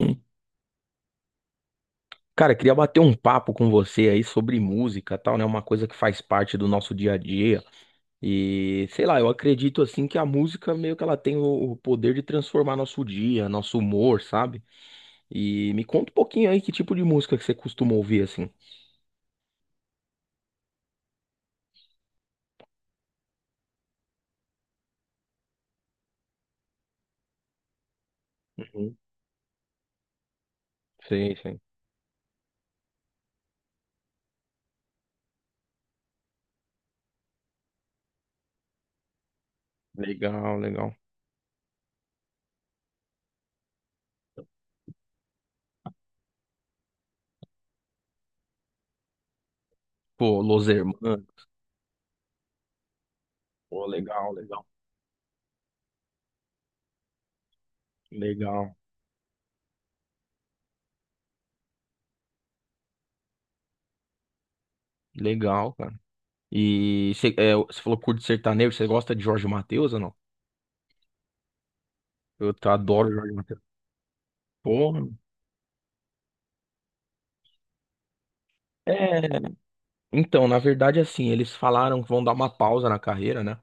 Hum. Cara, queria bater um papo com você aí sobre música, e tal, né? Uma coisa que faz parte do nosso dia a dia. E sei lá, eu acredito assim que a música meio que ela tem o poder de transformar nosso dia, nosso humor, sabe? E me conta um pouquinho aí que tipo de música que você costuma ouvir assim. Uhum. Sim, sim. Legal, legal. Pô, Los Hermanos. Pô, legal, legal. Legal. Legal, cara. E você você falou curto sertanejo, você gosta de Jorge Mateus ou não? Eu adoro Jorge Mateus. Porra. É, então, na verdade, assim, eles falaram que vão dar uma pausa na carreira, né?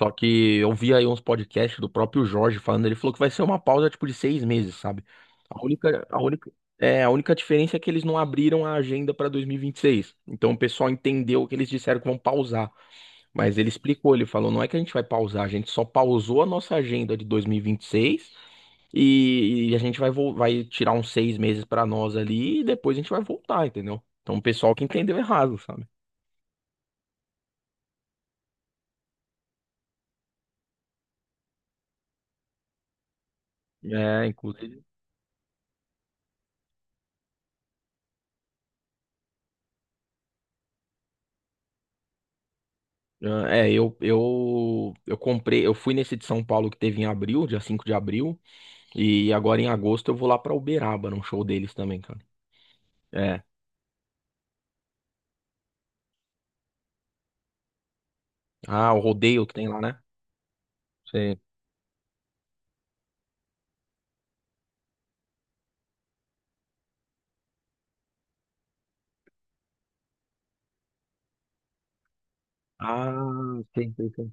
Só que eu vi aí uns podcasts do próprio Jorge falando, ele falou que vai ser uma pausa tipo de 6 meses, sabe? A única, a única, a única diferença é que eles não abriram a agenda para dois mil e vinte e seis. Então o pessoal entendeu que eles disseram que vão pausar. Mas ele explicou, ele falou, não é que a gente vai pausar, a gente só pausou a nossa agenda de 2026 e, vinte e seis e a gente vai tirar uns 6 meses para nós ali e depois a gente vai voltar, entendeu? Então o pessoal que entendeu errado, sabe? É, inclusive. É, eu comprei, eu fui nesse de São Paulo que teve em abril, dia 5 de abril, e agora em agosto eu vou lá pra Uberaba, num show deles também, cara. É. Ah, o rodeio que tem lá, né? Sei. Ah, sei, sei, sei.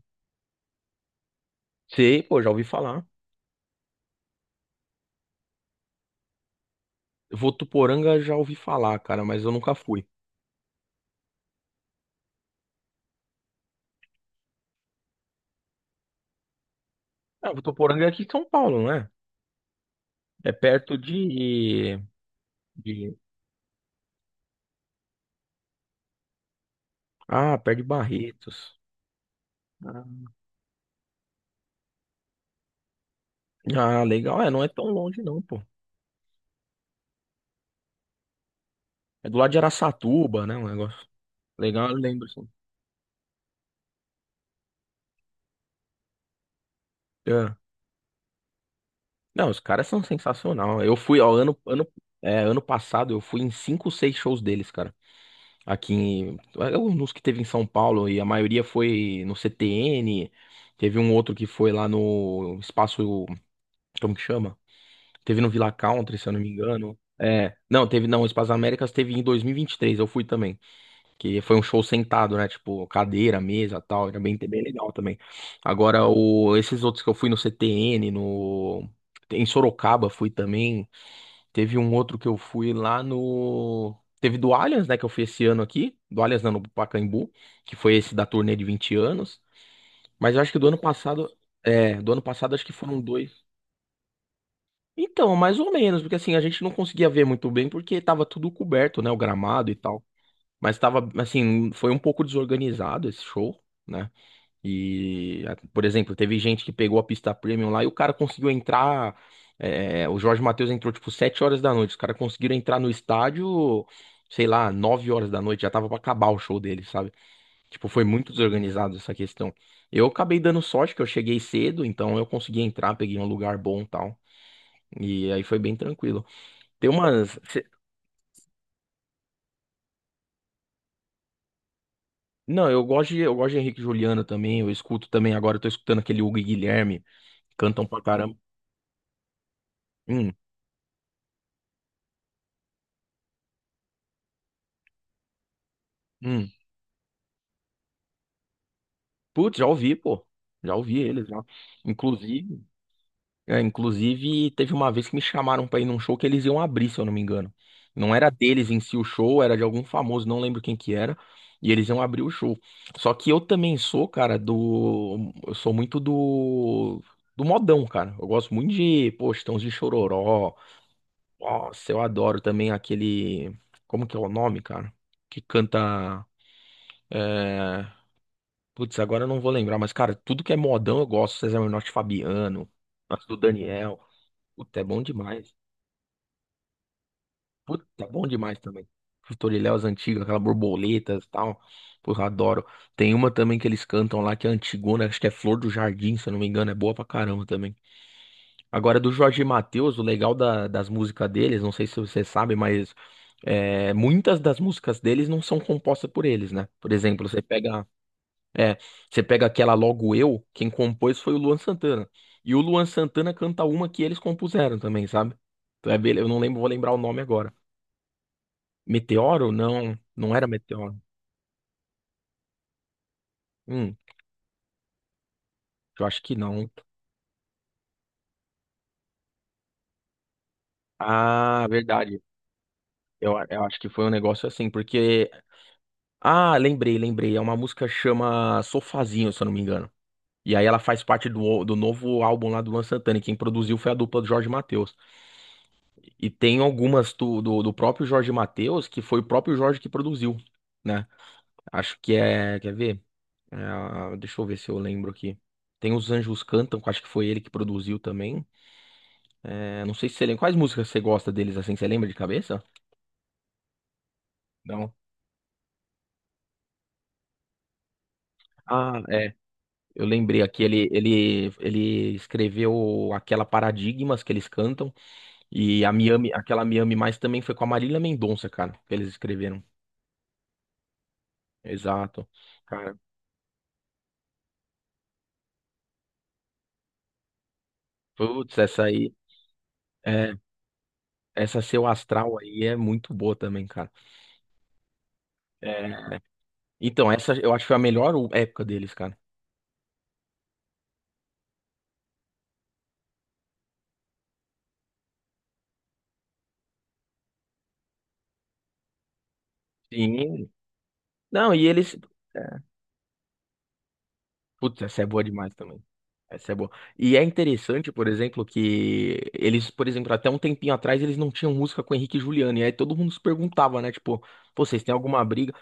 Sei, pô, já ouvi falar. Votuporanga já ouvi falar, cara, mas eu nunca fui. Ah, Votuporanga é aqui em São Paulo, não é? É perto de... Ah, perto de Barretos. Ah, Ah, legal. É, não é tão longe não, pô. É do lado de Araçatuba, né, o negócio. Legal, eu lembro, sim. É. Não, os caras são sensacional. Eu fui, ó, ano passado eu fui em cinco, seis shows deles, cara. Aqui, que teve em São Paulo, e a maioria foi no CTN. Teve um outro que foi lá no espaço, como que chama? Teve no Villa Country, se eu não me engano. É, não, teve, não, o Espaço Américas teve em dois mil e vinte e três eu fui também. Que foi um show sentado, né? Tipo, cadeira, mesa, tal. Era bem, bem legal também. Agora, esses outros que eu fui no CTN, no. Em Sorocaba fui também. Teve um outro que eu fui lá no. Teve do Allianz, né? Que eu fui esse ano aqui. Do Allianz, não, no Pacaembu. Que foi esse da turnê de 20 anos. Mas eu acho que do ano passado. É, do ano passado acho que foram dois. Então, mais ou menos. Porque assim, a gente não conseguia ver muito bem porque tava tudo coberto, né? O gramado e tal. Mas tava, assim, foi um pouco desorganizado esse show, né? E, por exemplo, teve gente que pegou a pista premium lá e o cara conseguiu entrar. O Jorge Mateus entrou, tipo, 7 horas da noite. Os caras conseguiram entrar no estádio, sei lá, 9 horas da noite. Já tava pra acabar o show dele, sabe? Tipo, foi muito desorganizado essa questão. Eu acabei dando sorte que eu cheguei cedo, então eu consegui entrar, peguei um lugar bom e tal. E aí foi bem tranquilo. Tem umas. Não, eu gosto de Henrique e Juliano também, eu escuto também, agora eu tô escutando aquele Hugo e Guilherme, cantam pra caramba. Hum, hum. Putz, já ouvi, pô. Já ouvi eles, já. Inclusive, teve uma vez que me chamaram pra ir num show que eles iam abrir, se eu não me engano. Não era deles em si o show, era de algum famoso, não lembro quem que era, e eles iam abrir o show. Só que eu também sou, cara, do. Eu sou muito do modão, cara. Eu gosto muito de, pô, Chitãozinho Chororó. Nossa, eu adoro também aquele. Como que é o nome, cara? Que canta. É... Putz, agora eu não vou lembrar, mas, cara, tudo que é modão eu gosto. César Menotti e Fabiano, as do Daniel. Puta, é bom demais. Puta, é bom demais também. Os Toriléus antigos, aquela borboletas e tal. Porra, adoro. Tem uma também que eles cantam lá que é antigona, acho que é Flor do Jardim, se eu não me engano, é boa pra caramba também. Agora, do Jorge Mateus, o legal das músicas deles, não sei se você sabe, mas muitas das músicas deles não são compostas por eles, né? Por exemplo, é, você pega aquela Logo Eu, quem compôs foi o Luan Santana. E o Luan Santana canta uma que eles compuseram também, sabe? Então eu não lembro, vou lembrar o nome agora. Meteoro? Não, não era Meteoro. Hum, eu acho que não. Ah, verdade. Eu acho que foi um negócio assim, porque. Ah, lembrei, lembrei. É uma música que chama Sofazinho, se eu não me engano. E aí ela faz parte do novo álbum lá do Luan Santana. E quem produziu foi a dupla do Jorge Mateus. E tem algumas do próprio Jorge Mateus, que foi o próprio Jorge que produziu, né? Acho que é. Quer ver? É, ah, deixa eu ver se eu lembro aqui. Tem Os Anjos Cantam, que eu acho que foi ele que produziu também. É, não sei se você lembra. Quais músicas você gosta deles assim? Você lembra de cabeça? Não. Ah, é. Eu lembrei aqui, ele escreveu aquela Paradigmas que eles cantam e a Miami, aquela Miami Mais também foi com a Marília Mendonça, cara, que eles escreveram. Exato. Cara, putz, essa aí, é, essa Seu Astral aí é muito boa também, cara. É, então, essa eu acho que foi a melhor época deles, cara. Sim. Não, e eles. é, Putz, essa é boa demais também. Essa é boa. E é interessante, por exemplo, que eles, por exemplo, até um tempinho atrás eles não tinham música com Henrique e Juliano. E aí todo mundo se perguntava, né? Tipo, pô, vocês têm alguma briga?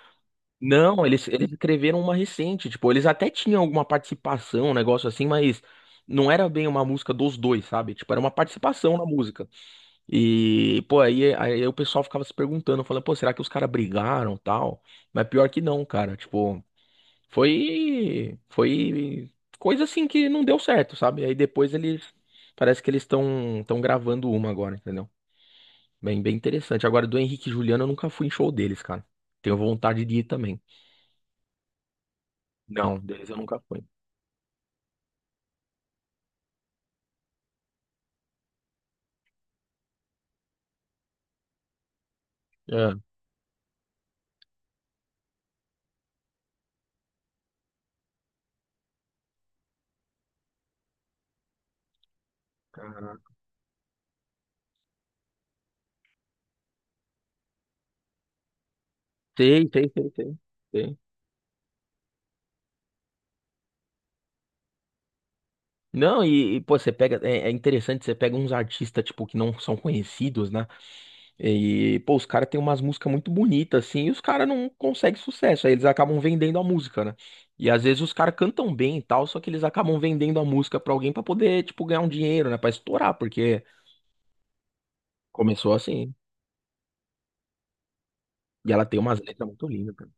Não, eles escreveram uma recente. Tipo, eles até tinham alguma participação, um negócio assim, mas não era bem uma música dos dois, sabe? Tipo, era uma participação na música. E, pô, aí o pessoal ficava se perguntando, falando, pô, será que os caras brigaram, e tal? Mas pior que não, cara. Tipo. Foi coisa assim que não deu certo, sabe? Aí depois eles, parece que eles estão gravando uma agora, entendeu? Bem, bem interessante. Agora do Henrique e Juliano eu nunca fui em show deles, cara. Tenho vontade de ir também. Não, deles eu nunca fui. É. Caraca. Sei, sei, sei, sei, sei. Não, pô, você pega, é interessante, você pega uns artistas, tipo, que não são conhecidos, né? E, pô, os caras têm umas músicas muito bonitas, assim, e os caras não conseguem sucesso. Aí eles acabam vendendo a música, né? E às vezes os caras cantam bem e tal, só que eles acabam vendendo a música pra alguém pra poder, tipo, ganhar um dinheiro, né? Pra estourar, porque começou assim. E ela tem umas letras muito lindas, cara.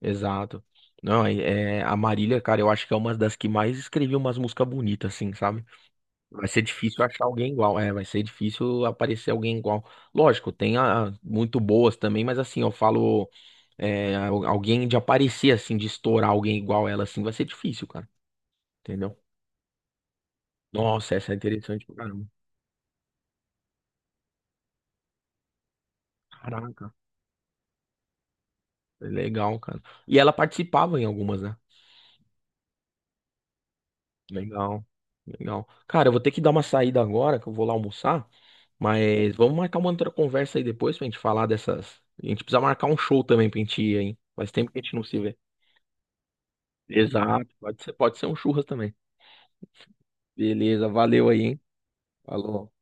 Exato. Não, a Marília, cara, eu acho que é uma das que mais escreveu umas músicas bonitas, assim, sabe? Vai ser difícil achar alguém igual. É, vai ser difícil aparecer alguém igual. Lógico, tem a, muito boas também, mas assim, eu falo. Alguém de aparecer assim, de estourar alguém igual ela assim, vai ser difícil, cara. Entendeu? Nossa, essa é interessante pra caramba. Caraca, é legal, cara. E ela participava em algumas, né? Legal, legal. Cara, eu vou ter que dar uma saída agora, que eu vou lá almoçar, mas vamos marcar uma outra conversa aí depois pra gente falar dessas. A gente precisa marcar um show também pra gente ir, hein? Faz tempo que a gente não se vê. Exato, pode ser um churras também. Beleza, valeu aí, hein? Falou.